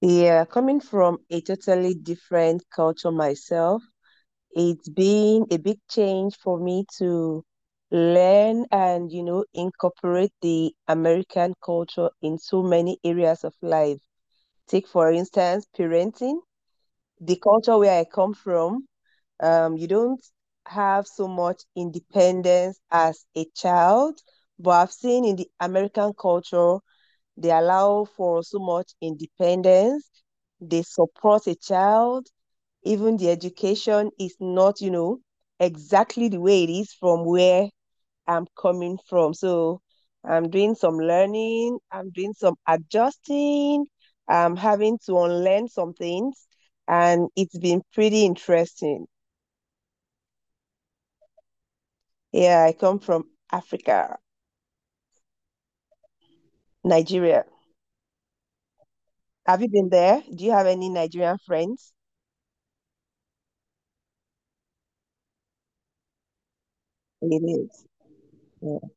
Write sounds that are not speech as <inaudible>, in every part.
Yeah, coming from a totally different culture myself, it's been a big change for me to learn and incorporate the American culture in so many areas of life. Take, for instance, parenting. The culture where I come from, you don't have so much independence as a child, but I've seen in the American culture, they allow for so much independence they support a child, even the education is not exactly the way it is from where I'm coming from. So I'm doing some learning, I'm doing some adjusting, I'm having to unlearn some things, and it's been pretty interesting. Yeah, I come from Africa, Nigeria. Have you been there? Do you have any Nigerian friends? It is.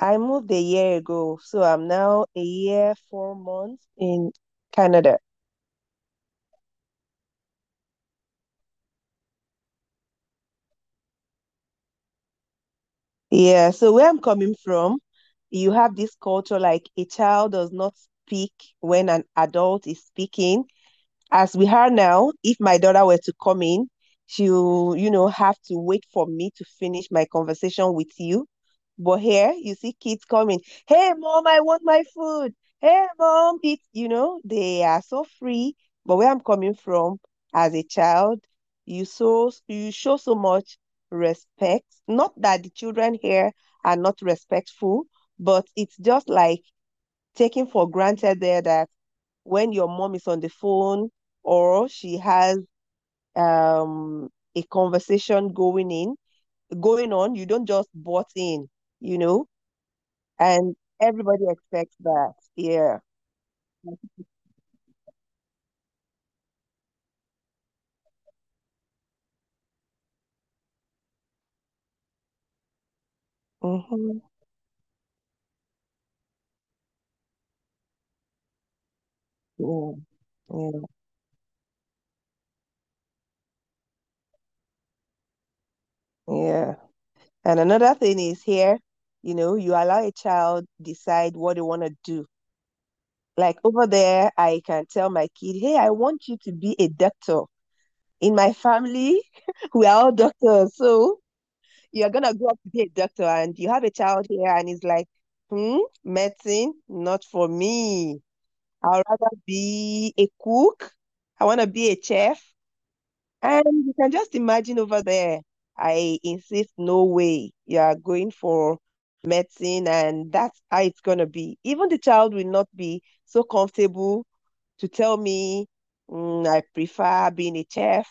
I moved a year ago, so I'm now a year, 4 months in Canada. Yeah, so where I'm coming from, you have this culture like a child does not speak when an adult is speaking. As we are now, if my daughter were to come in, she'll have to wait for me to finish my conversation with you. But here, you see kids coming. Hey, mom, I want my food. Hey, mom, they are so free. But where I'm coming from as a child, you show so much respect. Not that the children here are not respectful, but it's just like taking for granted there that when your mom is on the phone or she has um a conversation going on you don't just butt in you know and everybody expects that, yeah. Hmm. Yeah. Yeah, yeah. And another thing is here, you allow a child decide what they want to do. Like over there, I can tell my kid, hey, I want you to be a doctor. In my family, <laughs> we are all doctors. So you're gonna grow up to be a doctor and you have a child here and it's like, hmm, medicine, not for me. I'd rather be a cook. I wanna be a chef. And you can just imagine over there. I insist, no way. You are going for medicine and that's how it's gonna be. Even the child will not be so comfortable to tell me, "Mm, I prefer being a chef."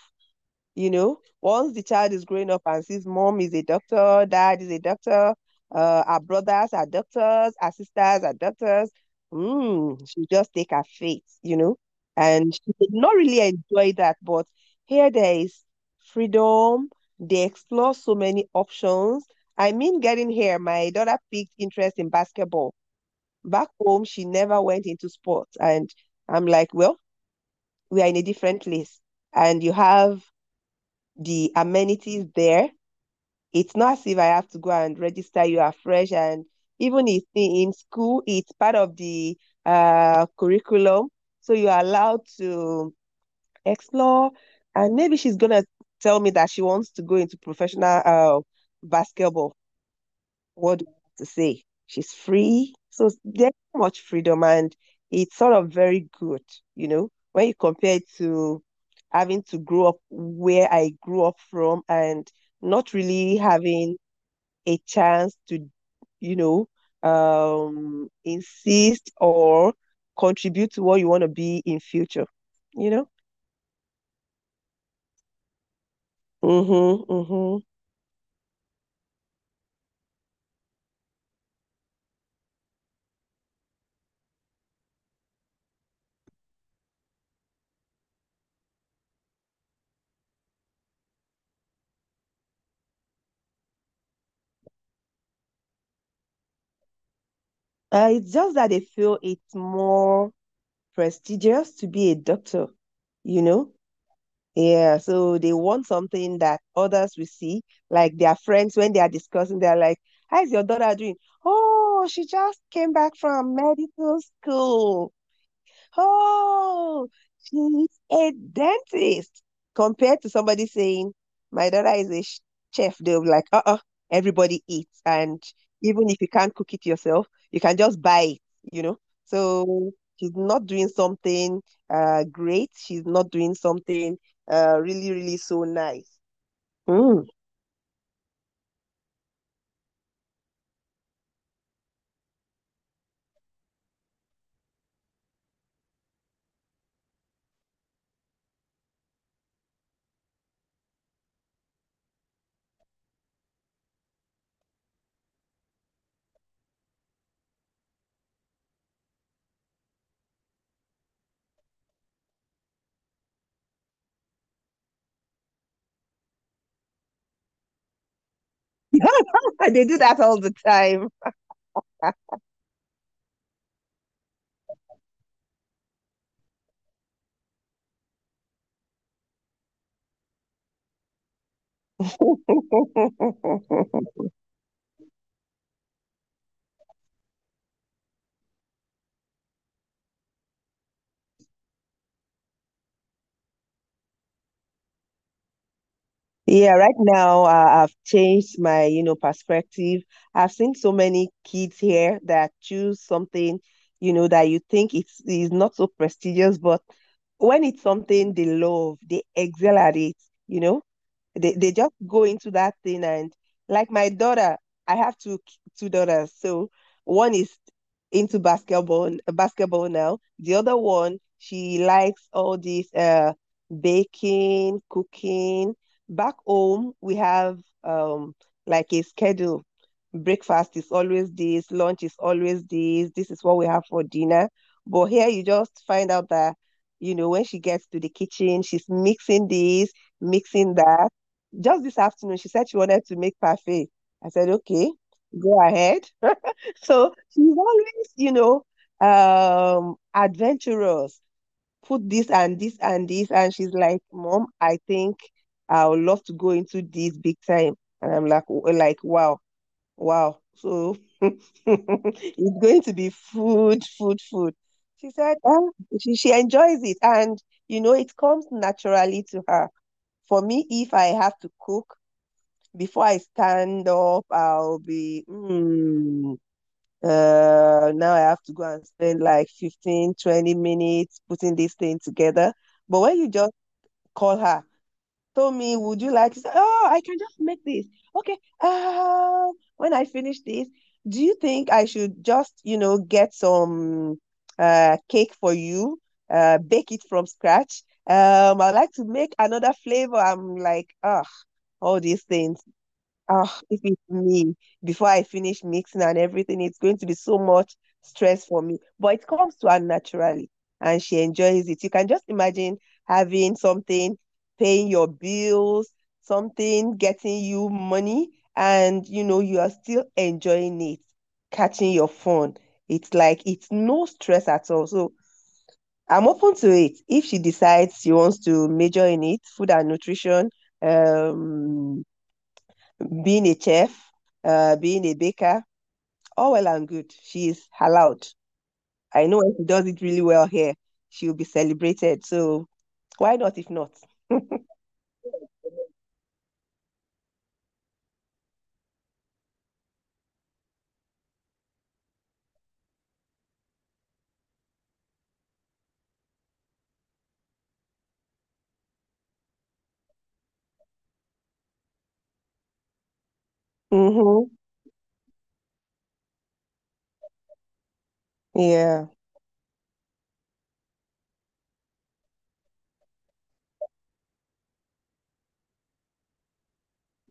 You know, once the child is growing up and sees mom is a doctor, dad is a doctor, our brothers are doctors, our sisters are doctors, she just take her fate, you know. And she did not really enjoy that, but here there is freedom. They explore so many options. I mean, getting here, my daughter picked interest in basketball. Back home, she never went into sports. And I'm like, well, we are in a different place. And you have the amenities there. It's not as if I have to go and register you afresh. And even if in school, it's part of the curriculum. So you're allowed to explore. And maybe she's going to tell me that she wants to go into professional basketball. What do you have to say? She's free. So there's so much freedom and it's sort of very good, when you compare it to having to grow up where I grew up from and not really having a chance to, you know, insist or contribute to what you want to be in future, you know? Mm-hmm, mm-hmm. It's just that they feel it's more prestigious to be a doctor, you know? Yeah, so they want something that others will see, like their friends when they are discussing, they're like, "How's your daughter doing? Oh, she just came back from medical school. Oh, she's a dentist." Compared to somebody saying, my daughter is a chef, they'll be like, uh-uh, everybody eats. And even if you can't cook it yourself, you can just buy it, you know? So she's not doing something great. She's not doing something really, really so nice. Mm. <laughs> They do that all the time. <laughs> Yeah, right now I've changed my perspective. I've seen so many kids here that choose something that you think it's is not so prestigious, but when it's something they love, they excel at it, you know. They just go into that thing and like my daughter, I have two daughters. So one is into basketball now. The other one, she likes all this baking, cooking. Back home, we have um like a schedule breakfast is always this, lunch is always this, this is what we have for dinner. But here you just find out that when she gets to the kitchen, she's mixing this, mixing that. Just this afternoon, she said she wanted to make parfait. I said, okay, go ahead. <laughs> So she's always adventurous. Put this and this and this. And she's like, Mom, I think I would love to go into this big time. And I'm like, wow, wow. So <laughs> it's going to be food, food, food. She said, "Ah, she enjoys it." And it comes naturally to her. For me, if I have to cook, before I stand up, I'll be, now I have to go and spend like 15, 20 minutes putting this thing together. But when you just call her, told me, would you like to say, oh, I can just make this. Okay. When I finish this, do you think I should just get some cake for you, bake it from scratch? I'd like to make another flavor. I'm like, ah, all these things. Oh, if it's me, before I finish mixing and everything, it's going to be so much stress for me. But it comes to her naturally and she enjoys it. You can just imagine having something, paying your bills, something getting you money, and you are still enjoying it, catching your phone. It's like it's no stress at all. So I'm open to it. If she decides she wants to major in it, food and nutrition, um, being a chef, being a baker, all well and good. She is allowed. I know if she does it really well here, she'll be celebrated. So why not if not? Mm-hmm. Yeah,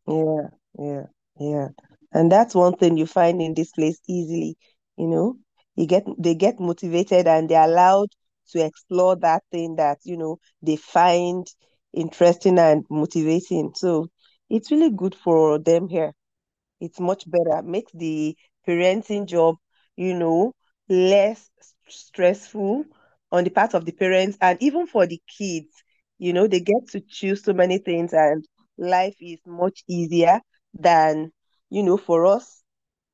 yeah, yeah, yeah. And that's one thing you find in this place easily, you know. You get they get motivated and they're allowed to explore that thing that they find interesting and motivating. So it's really good for them here. It's much better. Makes the parenting job, you know, less stressful on the part of the parents and even for the kids. They get to choose so many things and life is much easier than for us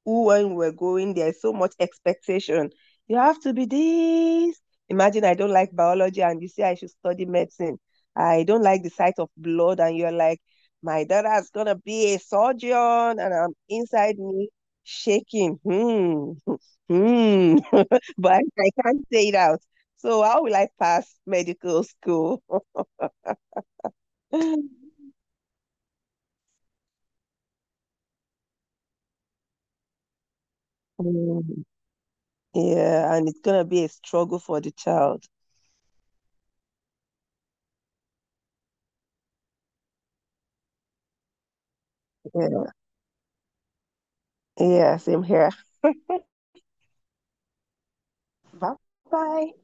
who when we're going, there's so much expectation. You have to be this. Imagine I don't like biology and you say I should study medicine. I don't like the sight of blood, and you're like, my daughter's gonna be a surgeon, and I'm inside me shaking. Hmm, <laughs> hmm, but I can't say it out. So how will I pass medical school? <laughs> Yeah, and it's gonna be a struggle for the child. Yeah, yeah, same here. Bye bye.